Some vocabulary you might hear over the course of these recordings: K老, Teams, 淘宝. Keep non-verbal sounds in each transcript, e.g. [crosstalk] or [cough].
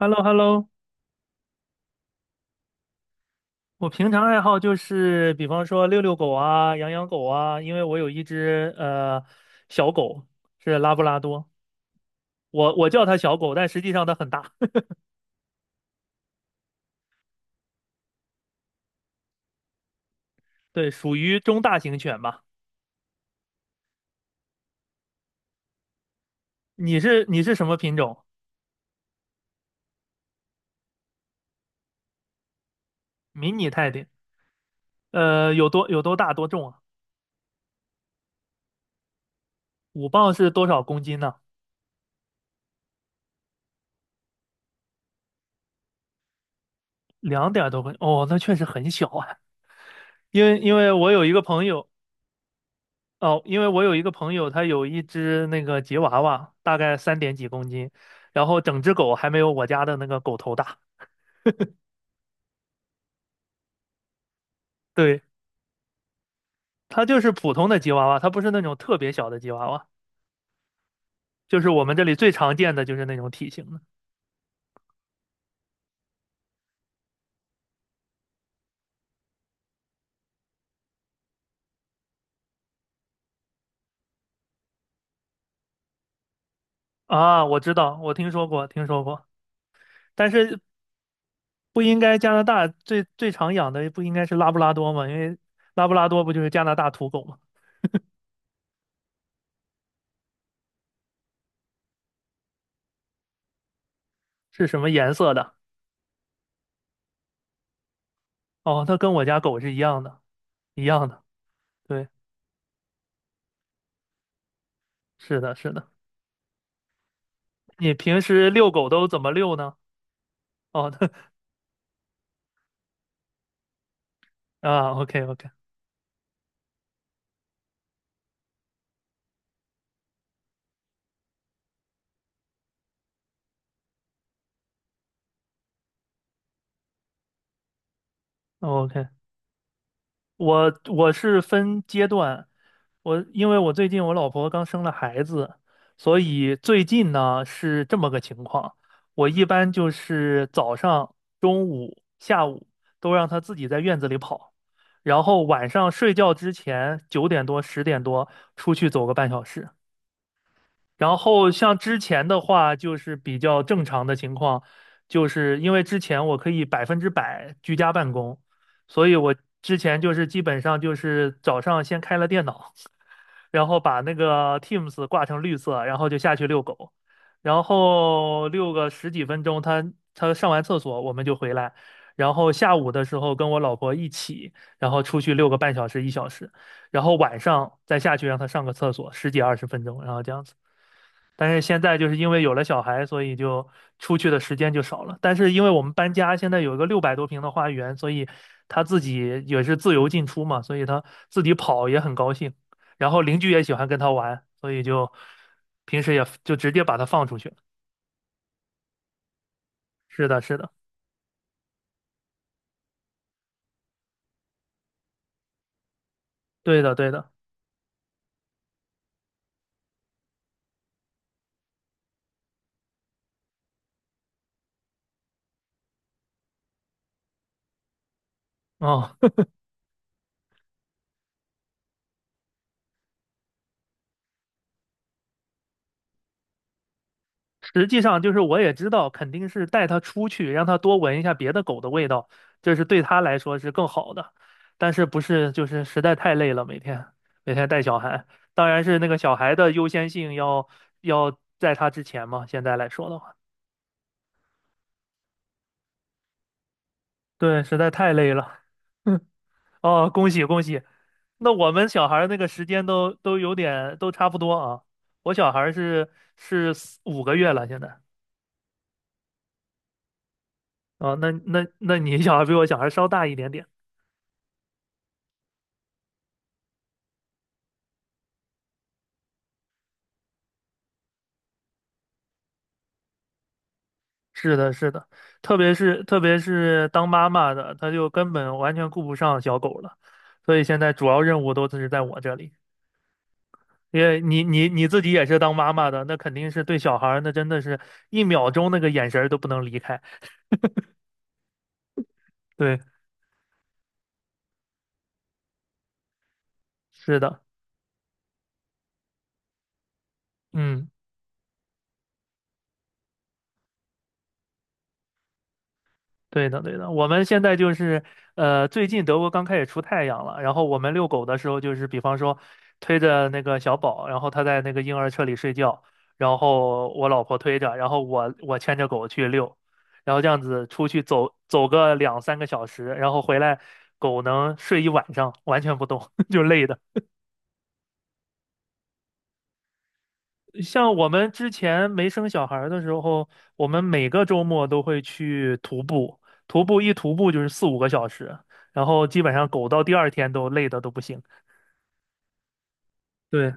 H e l l o h e l l o. 我平常爱好就是，比方说遛遛狗啊，养养狗啊，因为我有一只小狗，是拉布拉多。我叫它小狗，但实际上它很大。[laughs] 对，属于中大型犬吧。你是什么品种？迷你泰迪。有多大多重啊？5磅是多少公斤呢？两点多公斤哦，那确实很小啊。因为我有一个朋友，他有一只那个吉娃娃，大概三点几公斤，然后整只狗还没有我家的那个狗头大。对，它就是普通的吉娃娃，它不是那种特别小的吉娃娃，就是我们这里最常见的就是那种体型的。啊，我知道，我听说过，听说过。但是不应该加拿大最最常养的不应该是拉布拉多吗？因为拉布拉多不就是加拿大土狗吗？是什么颜色的？哦，它跟我家狗是一样的，一样的。对，是的，是的。你平时遛狗都怎么遛呢？哦，[laughs] 啊，OK OK OK。我是分阶段。因为我最近我老婆刚生了孩子，所以最近呢是这么个情况。我一般就是早上、中午、下午都让她自己在院子里跑，然后晚上睡觉之前九点多、十点多出去走个半小时。然后像之前的话，就是比较正常的情况，就是因为之前我可以100%居家办公，所以我之前就是基本上就是早上先开了电脑，[laughs] 然后把那个 Teams 挂成绿色，然后就下去遛狗，然后遛个十几分钟，他上完厕所我们就回来，然后下午的时候跟我老婆一起，然后出去遛个半小时一小时，然后晚上再下去让他上个厕所，十几二十分钟，然后这样子。但是现在就是因为有了小孩，所以就出去的时间就少了。但是因为我们搬家，现在有一个600多平的花园，所以他自己也是自由进出嘛，所以他自己跑也很高兴。然后邻居也喜欢跟他玩，所以就平时也就直接把他放出去了。是的，是的，对的，对的。哦，实际上就是我也知道，肯定是带它出去，让它多闻一下别的狗的味道，这是对它来说是更好的。但是不是就是实在太累了，每天带小孩，当然是那个小孩的优先性要在他之前嘛。现在来说的话，对，实在太累了。嗯。哦，恭喜恭喜！那我们小孩儿那个时间都有点都差不多啊。我小孩儿是四五个月了，现在啊。那你小孩比我小孩稍大一点点。是的，是的。特别是当妈妈的，她就根本完全顾不上小狗了，所以现在主要任务都是在我这里。因为你自己也是当妈妈的，那肯定是对小孩儿，那真的是一秒钟那个眼神儿都不能离开。对，是的。嗯。对的，对的，我们现在就是，最近德国刚开始出太阳了，然后我们遛狗的时候，就是比方说推着那个小宝，然后他在那个婴儿车里睡觉，然后我老婆推着，然后我牵着狗去遛，然后这样子出去走走个两三个小时，然后回来，狗能睡一晚上，完全不动，[laughs] 就累的。像我们之前没生小孩儿的时候，我们每个周末都会去徒步，徒步一徒步就是四五个小时，然后基本上狗到第二天都累得都不行。对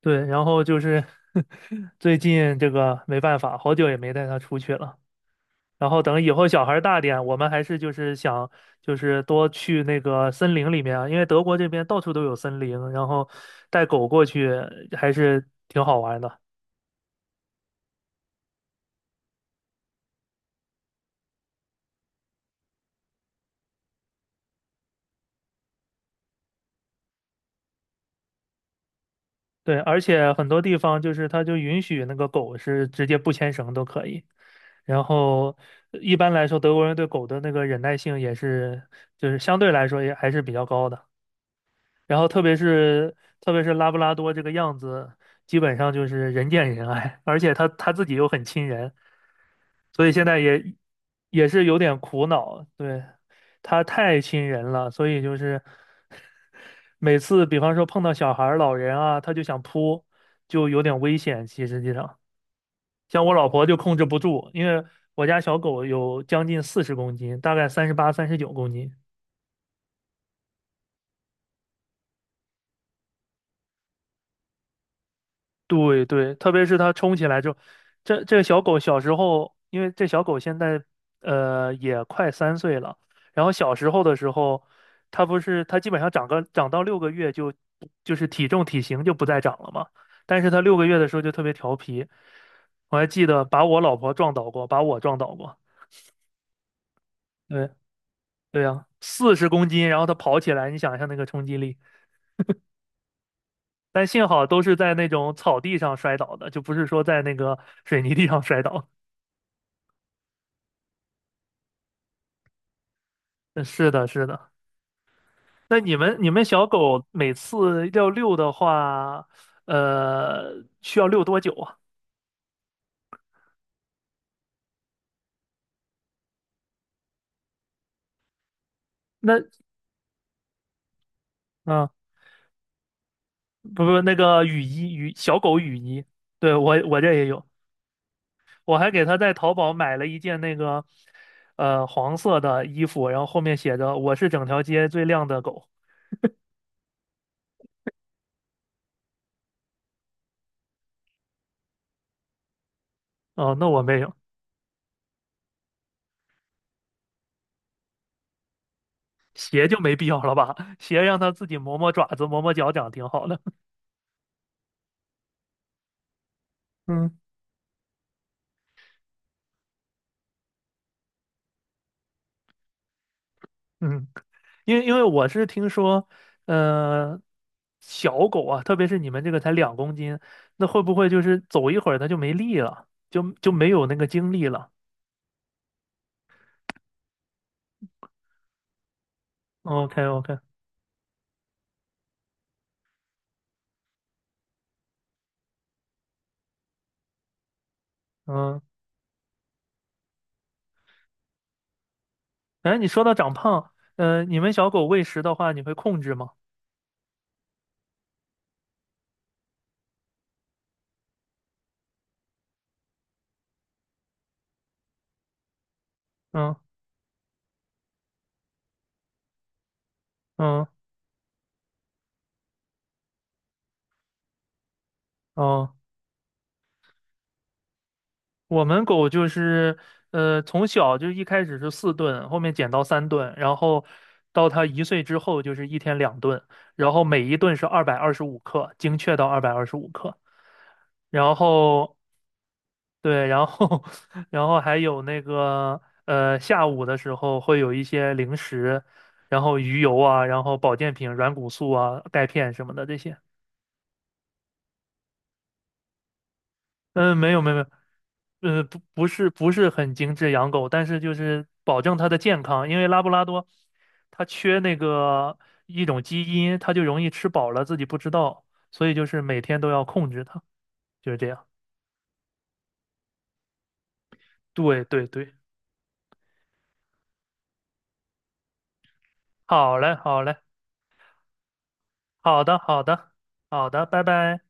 对，然后就是 [laughs] 最近这个没办法，好久也没带它出去了。然后等以后小孩儿大点，我们还是就是想多去那个森林里面啊，因为德国这边到处都有森林，然后带狗过去还是挺好玩的。对，而且很多地方就是它就允许那个狗是直接不牵绳都可以。然后一般来说，德国人对狗的那个忍耐性也是，就是相对来说也还是比较高的。然后特别是拉布拉多这个样子，基本上就是人见人爱，而且它自己又很亲人，所以现在也是有点苦恼。对，它太亲人了，所以就是 [laughs] 每次比方说碰到小孩儿、老人啊，它就想扑，就有点危险。其实实际上，像我老婆就控制不住，因为我家小狗有将近40公斤，大概38、39公斤。对对，特别是它冲起来之后，这个小狗小时候，因为这小狗现在也快3岁了，然后小时候的时候，它不是它基本上长个长到六个月就体重体型就不再长了嘛，但是它六个月的时候就特别调皮，我还记得把我老婆撞倒过，把我撞倒过。对对呀，四十公斤，然后它跑起来，你想一下那个冲击力。但幸好都是在那种草地上摔倒的，就不是说在那个水泥地上 [laughs] 摔倒。是的，是的。那你们小狗每次要遛的话，需要遛多久啊？那啊，不不，那个雨衣雨小狗雨衣，对我这也有。我还给它在淘宝买了一件那个黄色的衣服，然后后面写着"我是整条街最靓的狗"。哦，那我没有，鞋就没必要了吧？[laughs] 鞋让它自己磨磨爪子、磨磨脚掌挺好的。[laughs] 嗯嗯。因为我是听说，呃，小狗啊，特别是你们这个才2公斤，那会不会就是走一会儿它就没力了，就没有那个精力了？OK OK。嗯。哎，你说到长胖，你们小狗喂食的话，你会控制吗？嗯嗯嗯，我们狗就是，从小就一开始是4顿，后面减到3顿，然后到它1岁之后就是1天2顿，然后每一顿是二百二十五克，精确到二百二十五克。然后对，然后 [laughs] 然后还有那个下午的时候会有一些零食，然后鱼油啊，然后保健品、软骨素啊、钙片什么的这些。嗯，没有没有没有，不是很精致养狗，但是就是保证它的健康，因为拉布拉多它缺那个一种基因，它就容易吃饱了自己不知道，所以就是每天都要控制它，就是这样。对对对，好嘞好嘞。好的，好的，好的，拜拜。